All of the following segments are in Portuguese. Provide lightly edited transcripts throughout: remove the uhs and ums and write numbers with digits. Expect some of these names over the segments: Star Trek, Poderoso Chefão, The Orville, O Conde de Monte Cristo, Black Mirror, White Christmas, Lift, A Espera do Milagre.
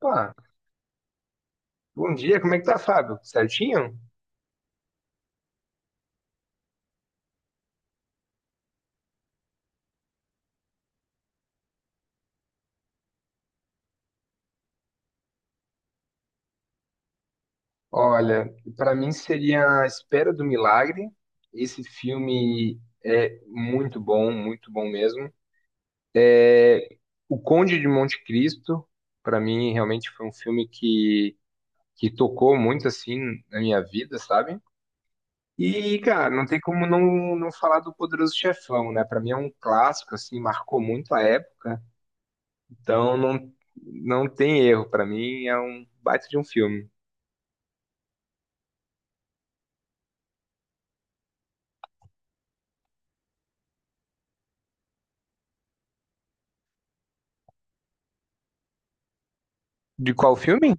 Opa, bom dia, como é que tá, Fábio? Certinho? Olha, pra mim seria A Espera do Milagre. Esse filme é muito bom mesmo. O Conde de Monte Cristo, pra mim realmente foi um filme que tocou muito assim na minha vida, sabe? E, cara, não tem como não, não falar do Poderoso Chefão, né? Pra mim é um clássico assim, marcou muito a época. Então não não tem erro, pra mim é um baita de um filme. De qual filme?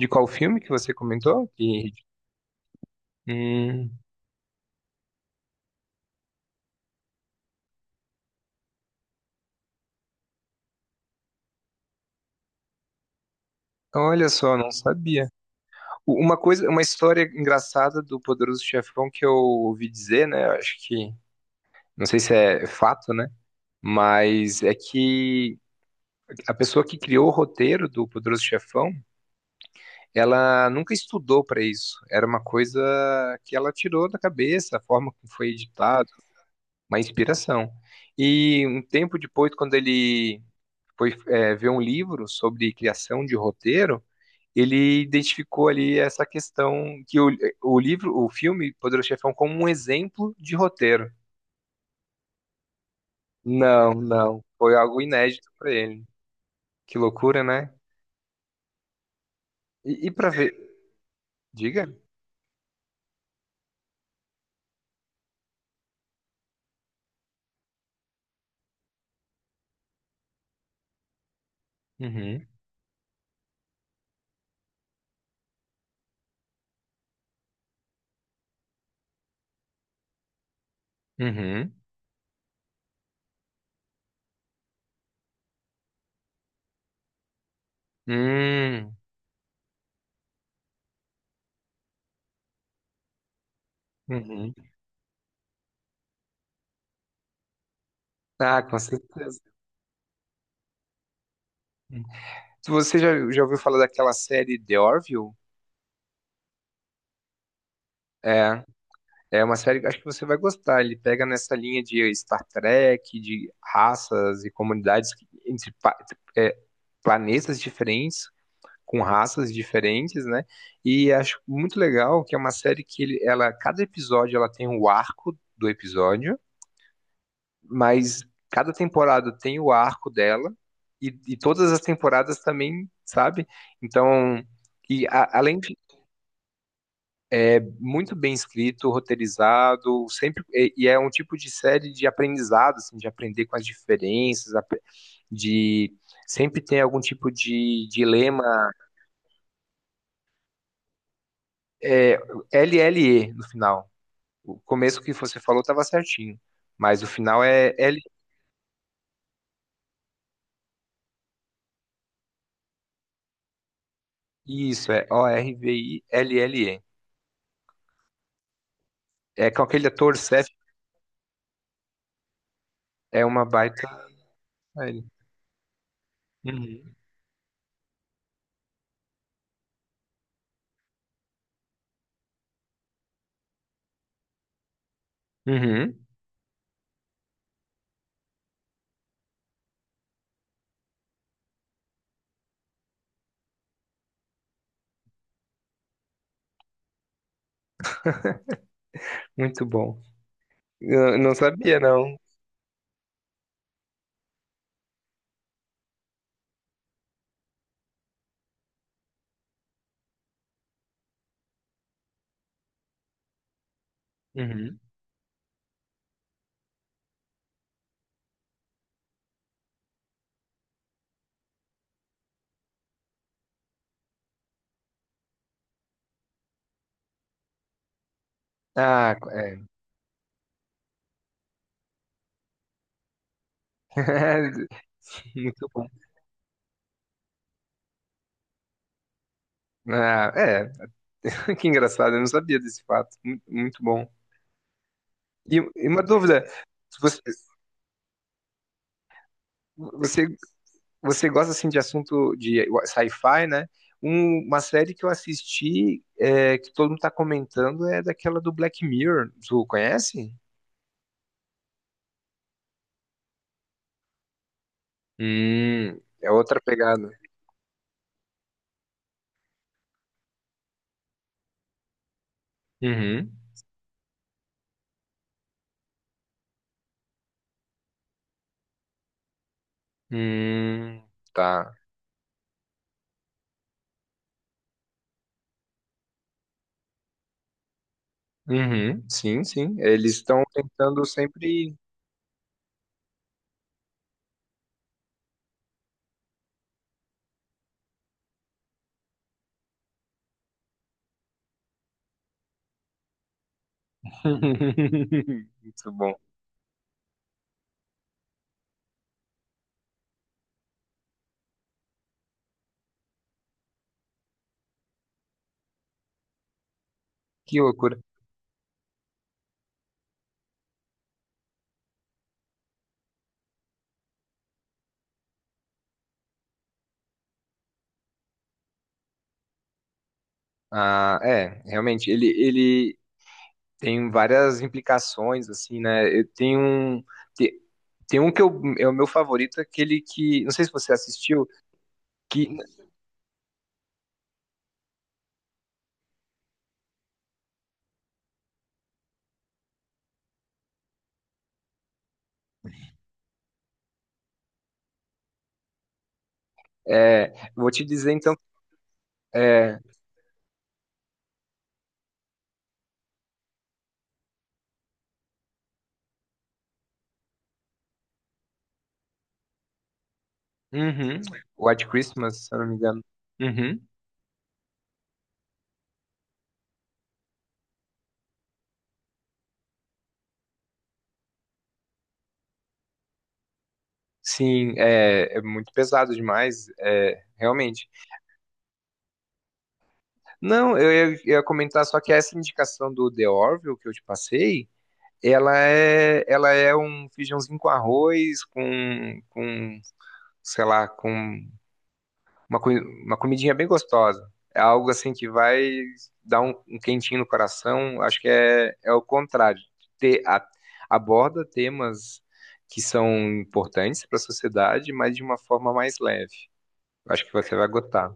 De qual filme que você comentou? Hum, então, olha só, não sabia. Uma coisa, uma história engraçada do Poderoso Chefão que eu ouvi dizer, né? eu Acho que, não sei se é fato, né? Mas é que a pessoa que criou o roteiro do Poderoso Chefão, ela nunca estudou para isso. Era uma coisa que ela tirou da cabeça, a forma como foi editado uma inspiração. E um tempo depois, quando ele foi ver um livro sobre criação de roteiro, ele identificou ali essa questão que o livro, o filme Poderoso Chefão como um exemplo de roteiro. Não, não, foi algo inédito para ele. Que loucura, né? E para ver, diga. Uhum, uhum, hum, uhum. Ah, com certeza. Se Você já ouviu falar daquela série The Orville? é É uma série que eu acho que você vai gostar. Ele pega nessa linha de Star Trek, de raças e comunidades entre é, planetas diferentes, com raças diferentes, né? E acho muito legal que é uma série que ela, cada episódio ela tem o arco do episódio, mas cada temporada tem o arco dela e todas as temporadas também, sabe? Então, além de muito bem escrito, roteirizado, sempre e é um tipo de série de aprendizado, assim, de aprender com as diferenças, de sempre tem algum tipo de dilema, é, LLE no final. O começo que você falou estava certinho, mas o final é L, isso, é O-R-V-I-L-L-E. É com aquele ator Seth, é uma baita série. Uhum. Uhum. Muito bom. Eu não sabia, não. Uhum. Ah, é. Muito bom. Ah, é, que engraçado, eu não sabia desse fato. Muito bom. E uma dúvida, você, você, você gosta assim de assunto de sci-fi, né? Um- uma série que eu assisti, é, que todo mundo tá comentando, é daquela do Black Mirror. Tu conhece? Hum, é outra pegada. Uhum. Hum, tá. Uhum, sim, sim. Eles estão tentando sempre. Muito bom. Que loucura. Ah, é, realmente, ele tem várias implicações, assim, né? Eu tenho um. Tem, tem um que é o meu favorito, aquele que. Não sei se você assistiu, que. É, vou te dizer então. É, uhum, White Christmas, se eu não me engano. Uhum. Sim, é, é muito pesado demais, é, realmente. Não, eu ia comentar só que essa indicação do The Orville que eu te passei, ela é um feijãozinho com arroz, com sei lá, com uma, uma comidinha bem gostosa. É algo assim que vai dar um, um quentinho no coração. Acho que é, é o contrário. Ter, a- aborda temas que são importantes para a sociedade, mas de uma forma mais leve. Acho que você vai gostar.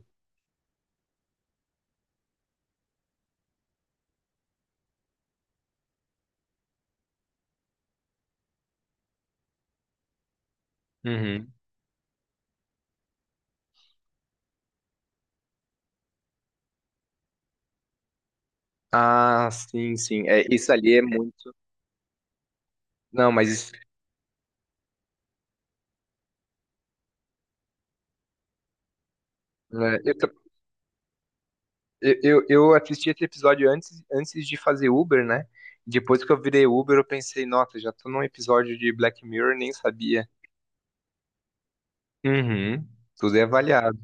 Uhum. Ah, sim, sim. É, isso ali é muito. Não, mas isso, né, Eu, eu assisti esse episódio antes, antes de fazer Uber, né? Depois que eu virei Uber, eu pensei, nossa, já tô num episódio de Black Mirror, nem sabia. Uhum, tudo é avaliado.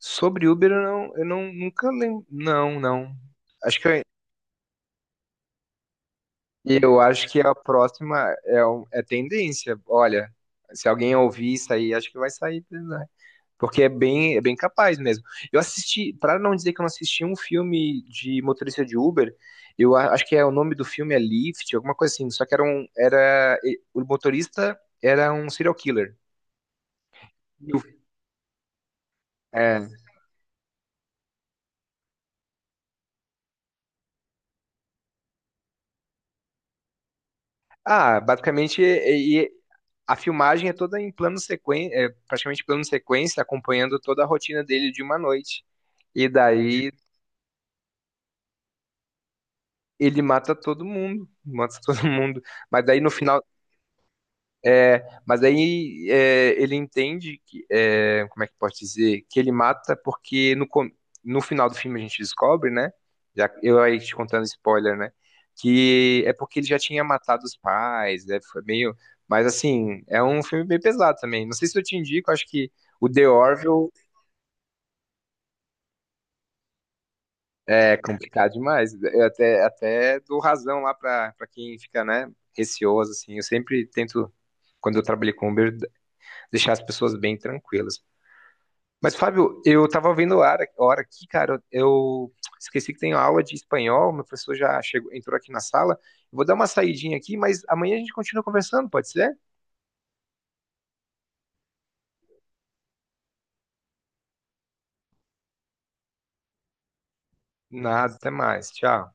Sobre Uber, eu não nunca lembro. Não, não. Acho que eu acho que a próxima é, é tendência. Olha, se alguém ouvir isso aí, acho que vai sair, né? Porque é bem capaz mesmo. Eu assisti, para não dizer que eu não assisti um filme de motorista de Uber, eu acho que é o nome do filme é Lift, alguma coisa assim. Só que era um, o motorista era um serial killer. E o- é. Basicamente a filmagem é toda em plano sequência, é praticamente plano sequência, acompanhando toda a rotina dele de uma noite. E daí ele mata todo mundo, mata todo mundo. Mas daí no final é, ele entende que, é, como é que pode dizer, que ele mata porque no final do filme a gente descobre, né? Já, eu aí te contando spoiler, né? Que é porque ele já tinha matado os pais, né? Foi meio. Mas assim, é um filme bem pesado também. Não sei se eu te indico, acho que o The Orville é complicado demais. Eu até, até dou razão lá pra quem fica, né, receoso, assim. Eu sempre tento, quando eu trabalhei com Uber, deixar as pessoas bem tranquilas. Mas, Fábio, eu tava vendo a hora aqui, cara, eu esqueci que tenho aula de espanhol, meu professor já chegou, entrou aqui na sala. Vou dar uma saidinha aqui, mas amanhã a gente continua conversando, pode ser? Nada, até mais. Tchau.